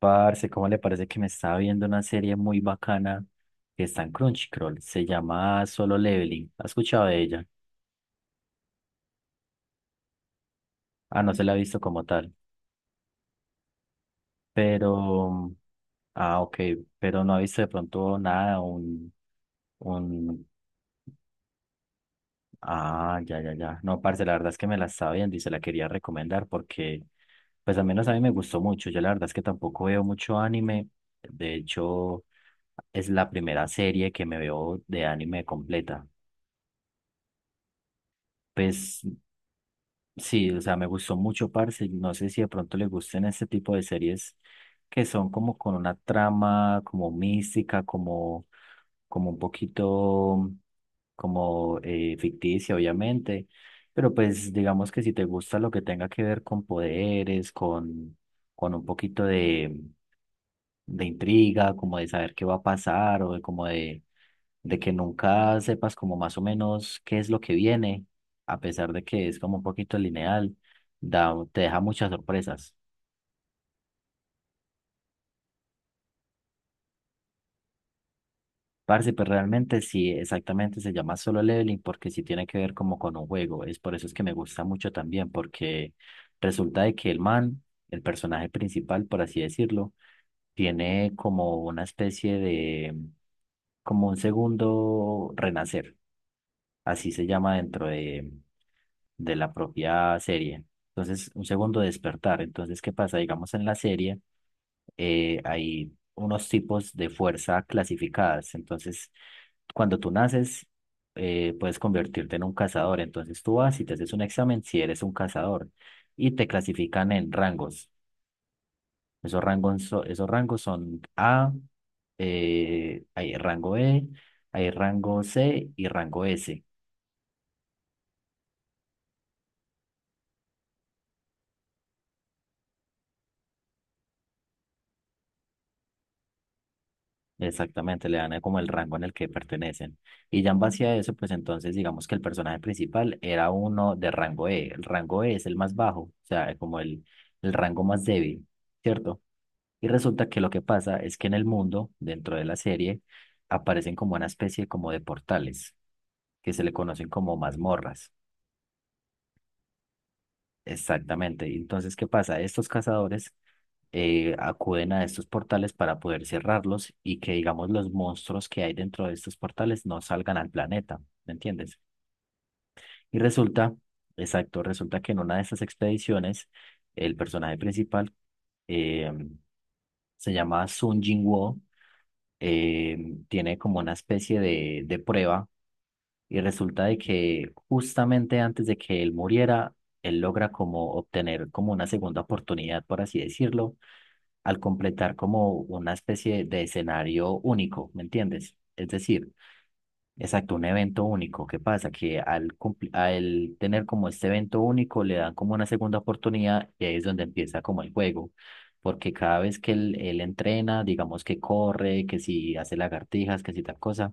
Parce, ¿cómo le parece que me estaba viendo una serie muy bacana que está en Crunchyroll? Se llama Solo Leveling. ¿Ha escuchado de ella? Ah, no se la ha visto como tal. Pero, ah, ok, pero no ha visto de pronto nada, un, ah, ya, ya, ya. No, parce, la verdad es que me la estaba viendo y se la quería recomendar porque, pues al menos a mí me gustó mucho. Yo la verdad es que tampoco veo mucho anime. De hecho, es la primera serie que me veo de anime completa. Pues sí, o sea, me gustó mucho, parce. Y no sé si de pronto le gusten este tipo de series que son como con una trama como mística, como, como un poquito como ficticia, obviamente. Pero pues digamos que si te gusta lo que tenga que ver con poderes, con un poquito de intriga, como de saber qué va a pasar o de como de que nunca sepas como más o menos qué es lo que viene, a pesar de que es como un poquito lineal, da, te deja muchas sorpresas. Parce, pues realmente sí, exactamente se llama Solo Leveling porque sí tiene que ver como con un juego. Es por eso es que me gusta mucho también, porque resulta de que el man, el personaje principal, por así decirlo, tiene como una especie de, como un segundo renacer. Así se llama dentro de la propia serie. Entonces, un segundo despertar. Entonces, ¿qué pasa? Digamos, en la serie hay unos tipos de fuerza clasificadas. Entonces, cuando tú naces, puedes convertirte en un cazador. Entonces, tú vas y te haces un examen si eres un cazador y te clasifican en rangos. Esos rangos, esos rangos son A, hay rango E, hay rango C y rango S. Exactamente, le dan como el rango en el que pertenecen. Y ya en base a eso, pues entonces digamos que el personaje principal era uno de rango E. El rango E es el más bajo, o sea, como el rango más débil, ¿cierto? Y resulta que lo que pasa es que en el mundo, dentro de la serie, aparecen como una especie como de portales, que se le conocen como mazmorras. Exactamente. Y entonces, ¿qué pasa? Estos cazadores acuden a estos portales para poder cerrarlos y que, digamos, los monstruos que hay dentro de estos portales no salgan al planeta, ¿me entiendes? Y resulta, exacto, resulta que en una de estas expediciones, el personaje principal eh, se llama Sun Jinwoo, eh, tiene como una especie de prueba. Y resulta de que justamente antes de que él muriera, él logra como obtener como una segunda oportunidad, por así decirlo, al completar como una especie de escenario único, ¿me entiendes? Es decir, exacto, un evento único. ¿Qué pasa? Que al tener como este evento único le dan como una segunda oportunidad y ahí es donde empieza como el juego. Porque cada vez que él entrena, digamos que corre, que si hace lagartijas, que si tal cosa,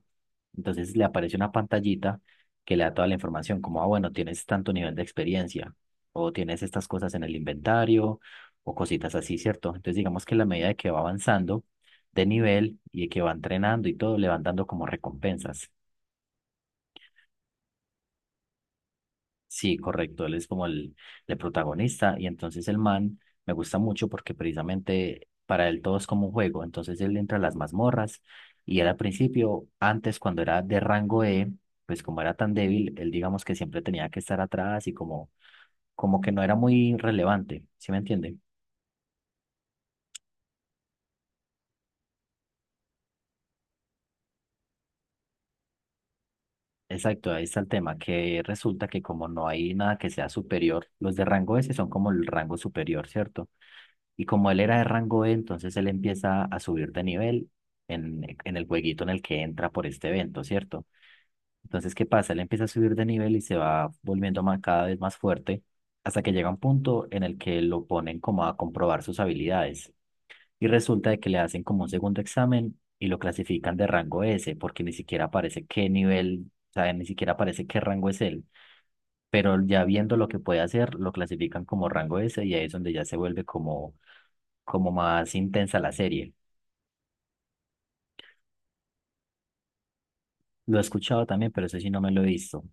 entonces le aparece una pantallita que le da toda la información, como, ah, bueno, tienes tanto nivel de experiencia o tienes estas cosas en el inventario o cositas así, ¿cierto? Entonces digamos que en la medida de que va avanzando de nivel y de que va entrenando y todo, le van dando como recompensas. Sí, correcto, él es como el protagonista y entonces el man me gusta mucho porque precisamente para él todo es como un juego, entonces él entra a las mazmorras y él al principio, antes cuando era de rango E, pues como era tan débil, él digamos que siempre tenía que estar atrás y como, como que no era muy relevante, ¿sí me entiende? Exacto, ahí está el tema, que resulta que como no hay nada que sea superior, los de rango S son como el rango superior, ¿cierto? Y como él era de rango E, entonces él empieza a subir de nivel en el jueguito en el que entra por este evento, ¿cierto? Entonces, ¿qué pasa? Él empieza a subir de nivel y se va volviendo más, cada vez más fuerte hasta que llega un punto en el que lo ponen como a comprobar sus habilidades. Y resulta de que le hacen como un segundo examen y lo clasifican de rango S, porque ni siquiera aparece qué nivel, o sea, ni siquiera aparece qué rango es él. Pero ya viendo lo que puede hacer, lo clasifican como rango S y ahí es donde ya se vuelve como como más intensa la serie. Lo he escuchado también, pero eso sí no me lo he visto.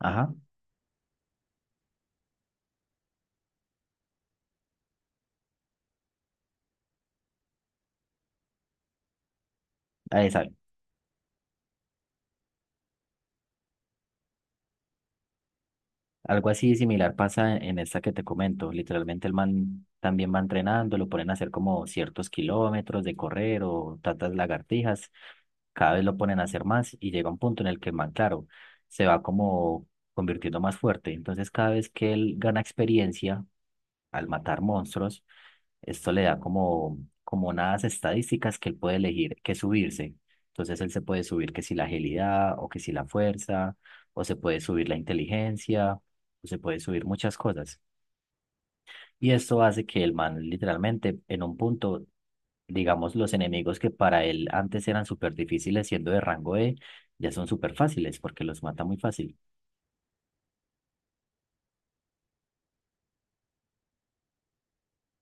Ajá, ah, esa- algo así similar pasa en esta que te comento. Literalmente el man también va entrenando, lo ponen a hacer como ciertos kilómetros de correr o tantas lagartijas. Cada vez lo ponen a hacer más y llega un punto en el que el man, claro, se va como convirtiendo más fuerte. Entonces cada vez que él gana experiencia al matar monstruos, esto le da como, como unas estadísticas que él puede elegir que subirse. Entonces él se puede subir que si la agilidad o que si la fuerza, o se puede subir la inteligencia, o se puede subir muchas cosas. Y esto hace que el man literalmente en un punto, digamos, los enemigos que para él antes eran súper difíciles siendo de rango E, ya son súper fáciles porque los mata muy fácil.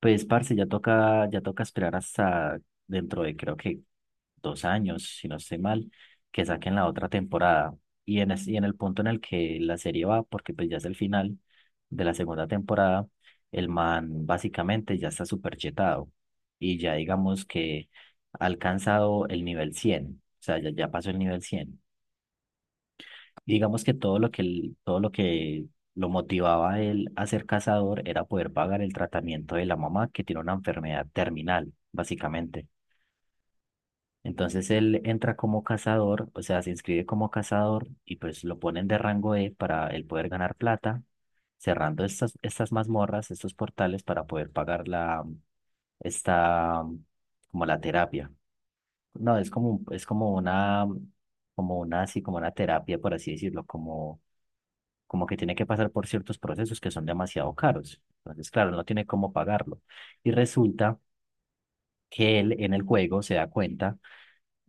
Pues, parce, ya toca esperar hasta dentro de creo que 2 años, si no estoy mal, que saquen la otra temporada. Y en el punto en el que la serie va, porque pues ya es el final de la segunda temporada, el man básicamente ya está súper chetado y ya digamos que ha alcanzado el nivel 100, o sea, ya, ya pasó el nivel 100. Digamos que todo lo que lo motivaba a él a ser cazador era poder pagar el tratamiento de la mamá que tiene una enfermedad terminal, básicamente. Entonces él entra como cazador, o sea, se inscribe como cazador y pues lo ponen de rango E para él poder ganar plata, cerrando estas mazmorras, estos portales para poder pagar la, esta, como la terapia. No, es como, es como una, así como una terapia, por así decirlo, como, como que tiene que pasar por ciertos procesos que son demasiado caros. Entonces, claro, no tiene cómo pagarlo. Y resulta que él en el juego se da cuenta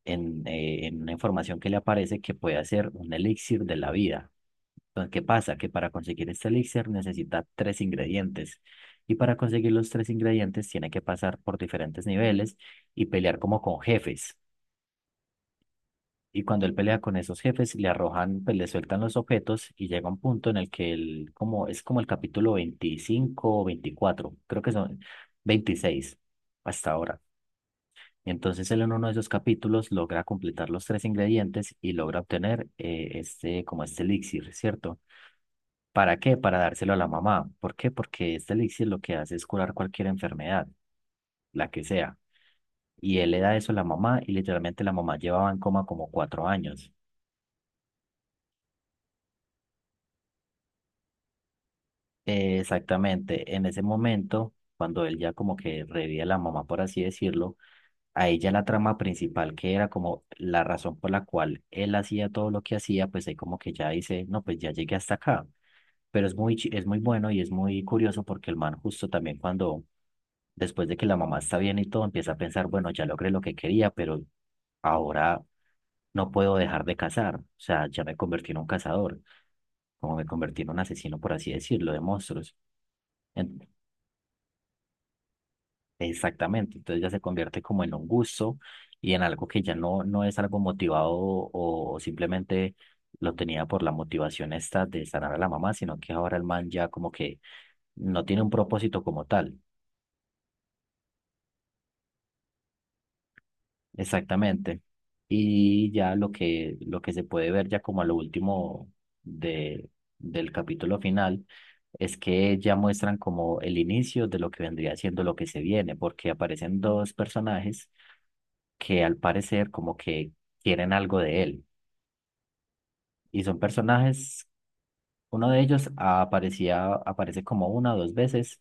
en una información que le aparece que puede hacer un elixir de la vida. Entonces, ¿qué pasa? Que para conseguir este elixir necesita tres ingredientes. Y para conseguir los tres ingredientes tiene que pasar por diferentes niveles y pelear como con jefes. Y cuando él pelea con esos jefes, le arrojan, pues le sueltan los objetos y llega un punto en el que él, como, es como el capítulo 25 o 24, creo que son 26 hasta ahora. Entonces él en uno de esos capítulos logra completar los tres ingredientes y logra obtener este, como este elixir, ¿cierto? ¿Para qué? Para dárselo a la mamá. ¿Por qué? Porque este elixir lo que hace es curar cualquier enfermedad, la que sea. Y él le da eso a la mamá y literalmente la mamá llevaba en coma como 4 años. Exactamente, en ese momento, cuando él ya como que revive a la mamá, por así decirlo, a ella la trama principal, que era como la razón por la cual él hacía todo lo que hacía, pues ahí como que ya dice, no, pues ya llegué hasta acá. Pero es muy, es muy bueno y es muy curioso porque el man justo también cuando, después de que la mamá está bien y todo, empieza a pensar, bueno, ya logré lo que quería, pero ahora no puedo dejar de cazar. O sea, ya me convertí en un cazador, como me convertí en un asesino, por así decirlo, de monstruos. En- Exactamente, entonces ya se convierte como en un gusto y en algo que ya no, no es algo motivado o simplemente lo tenía por la motivación esta de sanar a la mamá, sino que ahora el man ya como que no tiene un propósito como tal. Exactamente. Y ya lo que se puede ver ya como a lo último de, del capítulo final es que ya muestran como el inicio de lo que vendría siendo lo que se viene, porque aparecen dos personajes que al parecer como que quieren algo de él. Y son personajes, uno de ellos aparecía, aparece como una o dos veces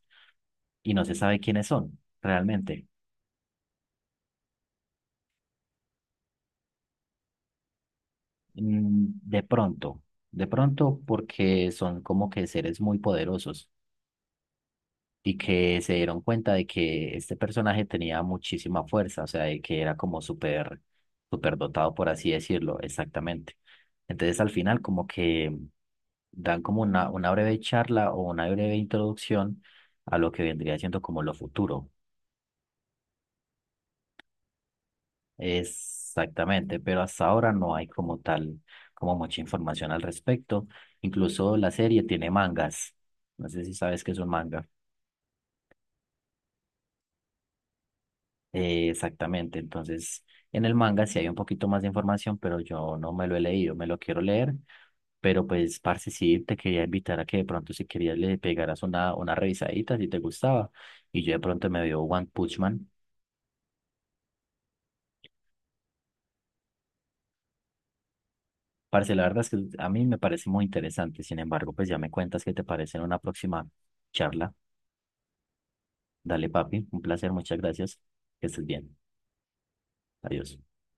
y no se sabe quiénes son realmente. Mm, De pronto, de pronto porque son como que seres muy poderosos y que se dieron cuenta de que este personaje tenía muchísima fuerza, o sea, de que era como súper, súper dotado, por así decirlo, exactamente. Entonces al final como que dan como una breve charla o una breve introducción a lo que vendría siendo como lo futuro. Exactamente, pero hasta ahora no hay como tal, como mucha información al respecto. Incluso la serie tiene mangas. No sé si sabes qué es un manga. Exactamente, entonces en el manga sí hay un poquito más de información, pero yo no me lo he leído, me lo quiero leer. Pero pues, parce, sí, te quería invitar a que de pronto si querías le pegaras una revisadita si te gustaba. Y yo de pronto me veo One Punch Man. Parce, la verdad es que a mí me parece muy interesante. Sin embargo, pues ya me cuentas qué te parece en una próxima charla. Dale, papi, un placer, muchas gracias. Que estés bien. Adiós.